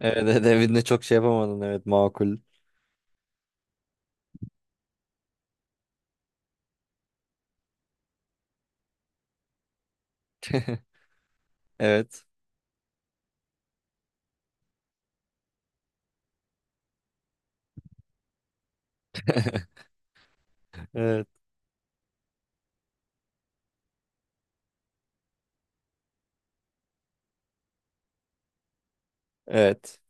Evet, evet evinde çok şey yapamadın. Evet, makul. Evet. Evet. Evet.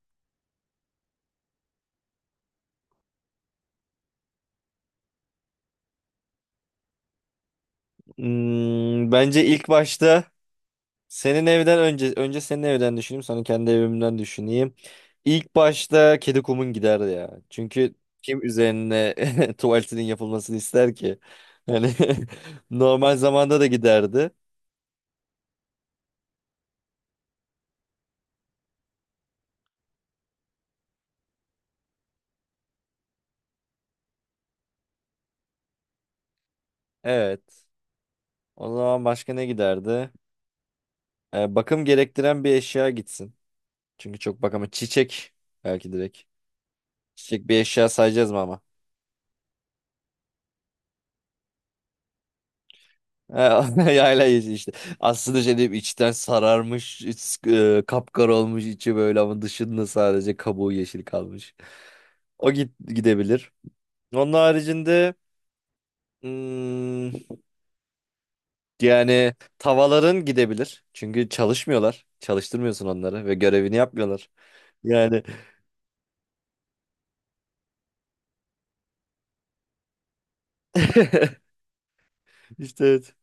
Hmm, bence ilk başta senin evden önce senin evden düşüneyim sonra kendi evimden düşüneyim. İlk başta kedi kumun gider ya. Çünkü kim üzerine tuvaletinin yapılmasını ister ki? Yani normal zamanda da giderdi. Evet. O zaman başka ne giderdi? Bakım gerektiren bir eşya gitsin. Çünkü çok bakama çiçek belki direkt. Çiçek bir eşya sayacağız mı ama? Yayla yiyeceğiz işte. Aslında şey diyeyim içten sararmış, kapkara olmuş içi böyle ama dışında sadece kabuğu yeşil kalmış. O git gidebilir. Onun haricinde hmm, yani tavalar'ın gidebilir. Çünkü çalışmıyorlar. Çalıştırmıyorsun onları ve görevini yapmıyorlar. Yani işte evet.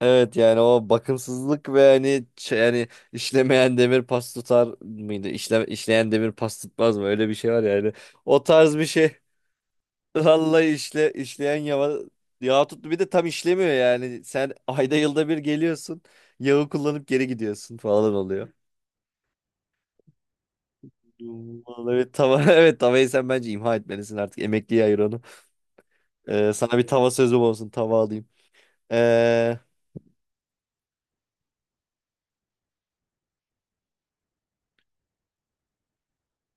Evet yani o bakımsızlık ve hani yani işlemeyen demir pas tutar mıydı? İşleyen demir pas tutmaz mı? Öyle bir şey var yani. O tarz bir şey. Vallahi işleyen yağ tuttu bir de tam işlemiyor yani. Sen ayda yılda bir geliyorsun. Yağı kullanıp geri gidiyorsun falan oluyor. Vallahi tava evet tavayı sen bence imha etmelisin artık. Emekliye ayır onu. Sana bir tava sözüm olsun. Tava alayım. Ee,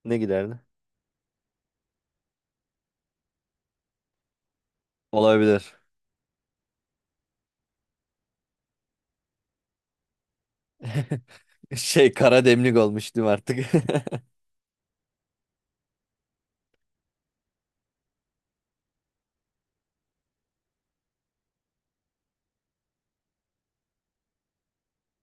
ne giderdi? Olabilir. Şey kara demlik olmuştum artık.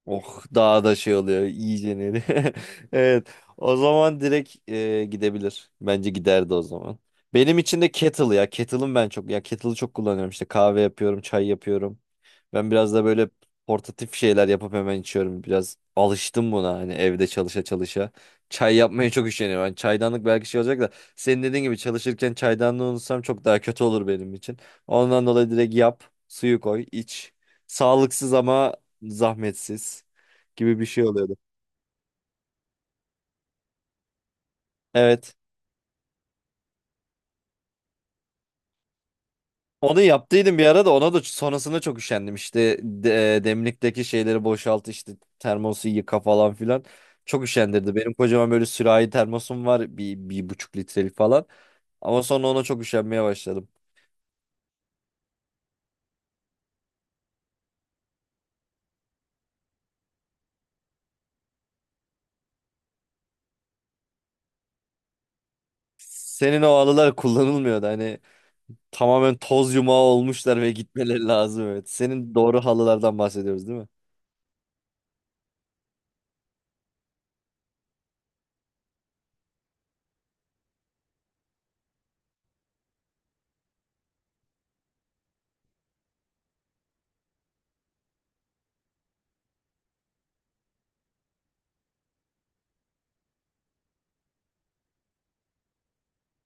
Oh daha da şey oluyor iyice neri. Evet o zaman direkt gidebilir. Bence giderdi o zaman. Benim için de kettle ya. Kettle'ım ben çok ya kettle'ı çok kullanıyorum işte kahve yapıyorum, çay yapıyorum. Ben biraz da böyle portatif şeyler yapıp hemen içiyorum. Biraz alıştım buna hani evde çalışa çalışa. Çay yapmaya çok üşeniyorum. Yani çaydanlık belki şey olacak da senin dediğin gibi çalışırken çaydanlığı unutsam çok daha kötü olur benim için. Ondan dolayı direkt yap, suyu koy, iç. Sağlıksız ama zahmetsiz gibi bir şey oluyordu. Evet. Onu yaptıydım bir ara da ona da sonrasında çok üşendim. İşte demlikteki şeyleri boşalt işte termosu yıka falan filan. Çok üşendirdi. Benim kocaman böyle sürahi termosum var bir buçuk litrelik falan. Ama sonra ona çok üşenmeye başladım. Senin o alılar kullanılmıyordu. Hani tamamen toz yumağı olmuşlar ve gitmeleri lazım. Evet. Senin doğru halılardan bahsediyoruz değil mi?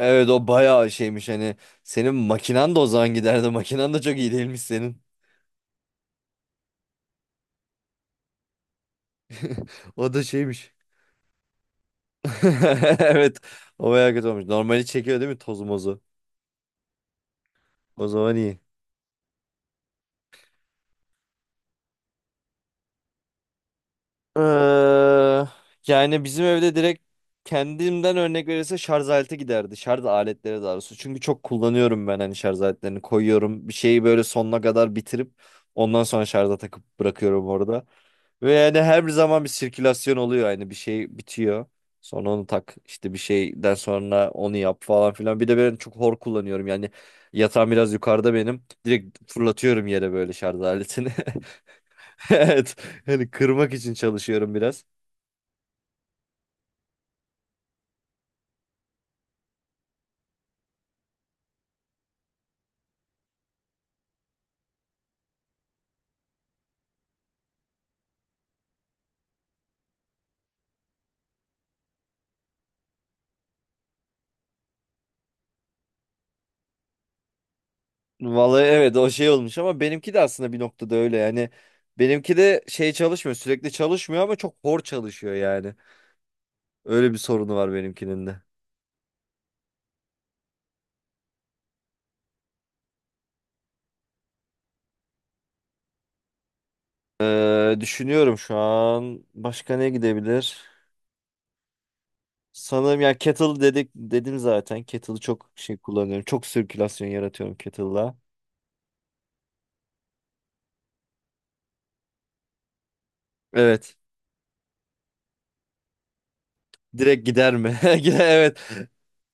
Evet o bayağı şeymiş hani. Senin makinan da o zaman giderdi. Makinan da çok iyi değilmiş senin. O da şeymiş. Evet. O bayağı kötü olmuş. Normali çekiyor değil mi tozu mozu? O zaman iyi. Ee, yani bizim evde direkt kendimden örnek verirse şarj aleti giderdi. Şarj aletleri daha doğrusu. Çünkü çok kullanıyorum ben hani şarj aletlerini koyuyorum. Bir şeyi böyle sonuna kadar bitirip ondan sonra şarja takıp bırakıyorum orada. Ve yani her zaman bir sirkülasyon oluyor. Yani bir şey bitiyor. Sonra onu tak işte bir şeyden sonra onu yap falan filan. Bir de ben çok hor kullanıyorum. Yani yatağım biraz yukarıda benim. Direkt fırlatıyorum yere böyle şarj aletini. Evet. Hani kırmak için çalışıyorum biraz. Vallahi evet o şey olmuş ama benimki de aslında bir noktada öyle yani. Benimki de şey çalışmıyor sürekli çalışmıyor ama çok hor çalışıyor yani. Öyle bir sorunu var benimkinin de. Düşünüyorum şu an başka ne gidebilir? Sanırım ya kettle dedim zaten. Kettle'ı çok şey kullanıyorum. Çok sirkülasyon yaratıyorum kettle'la. Evet. Direkt gider mi? Gider, evet.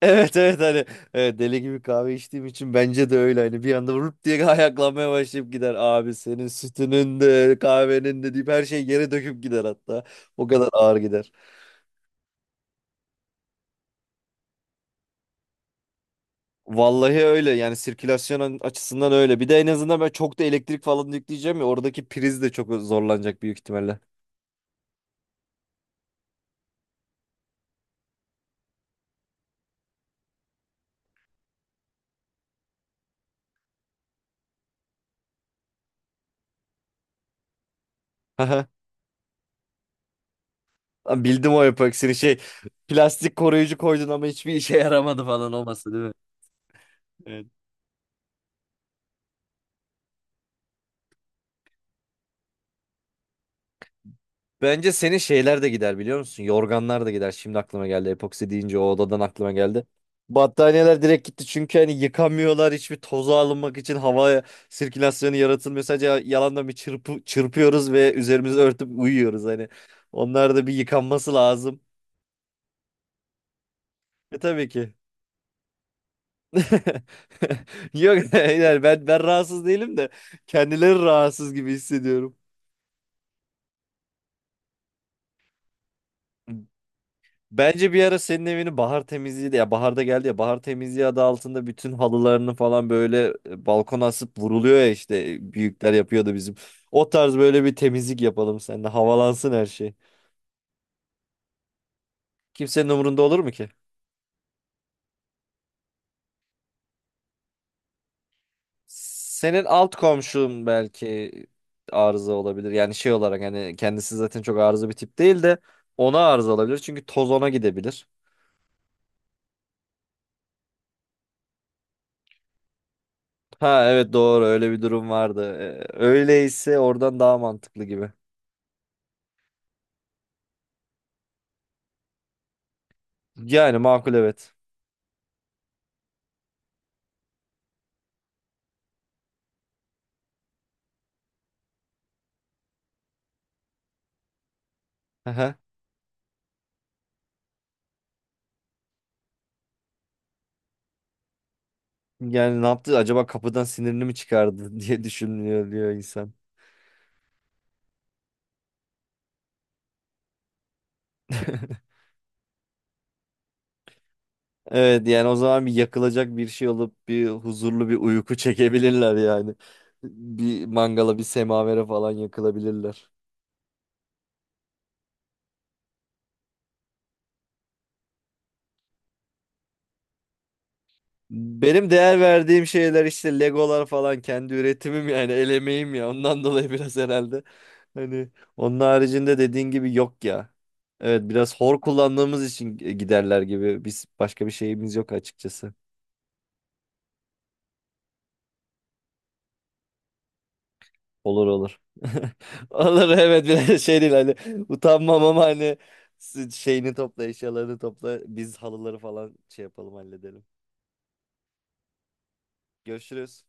Evet evet hani evet, deli gibi kahve içtiğim için bence de öyle hani bir anda vurup diye ayaklanmaya başlayıp gider abi senin sütünün de kahvenin de deyip her şeyi yere döküp gider hatta o kadar ağır gider. Vallahi öyle yani sirkülasyon açısından öyle bir de en azından ben çok da elektrik falan yükleyeceğim ya oradaki priz de çok zorlanacak büyük ihtimalle. Lan bildim o epoksini şey plastik koruyucu koydun ama hiçbir işe yaramadı falan olması değil mi? Evet. Bence senin şeyler de gider biliyor musun? Yorganlar da gider. Şimdi aklıma geldi epoksi deyince o odadan aklıma geldi. Battaniyeler direkt gitti çünkü hani yıkamıyorlar hiçbir toza alınmak için hava sirkülasyonu yaratılmıyor. Sadece yalandan çırpıyoruz ve üzerimizi örtüp uyuyoruz hani. Onlar da bir yıkanması lazım. E tabii ki. Yok yani ben rahatsız değilim de kendileri rahatsız gibi hissediyorum. Bence bir ara senin evini bahar temizliği de ya baharda geldi ya bahar temizliği adı altında bütün halılarını falan böyle balkona asıp vuruluyor ya işte büyükler yapıyordu bizim. O tarz böyle bir temizlik yapalım seninle havalansın her şey. Kimsenin umurunda olur mu ki? Senin alt komşun belki arıza olabilir. Yani şey olarak hani kendisi zaten çok arıza bir tip değil de ona arıza olabilir. Çünkü toz ona gidebilir. Ha evet doğru öyle bir durum vardı. Öyleyse oradan daha mantıklı gibi. Yani makul evet. Aha. Yani ne yaptı acaba kapıdan sinirini mi çıkardı diye düşünüyor diyor insan. Evet yani o zaman bir yakılacak bir şey olup bir huzurlu bir uyku çekebilirler yani. Bir mangala bir semavere falan yakılabilirler. Benim değer verdiğim şeyler işte Legolar falan kendi üretimim yani el emeğim ya ondan dolayı biraz herhalde. Hani onun haricinde dediğin gibi yok ya. Evet biraz hor kullandığımız için giderler gibi biz başka bir şeyimiz yok açıkçası. Olur olur. Olur evet biraz şey değil hani utanmam ama hani şeyini topla eşyalarını topla biz halıları falan şey yapalım halledelim. Görüşürüz.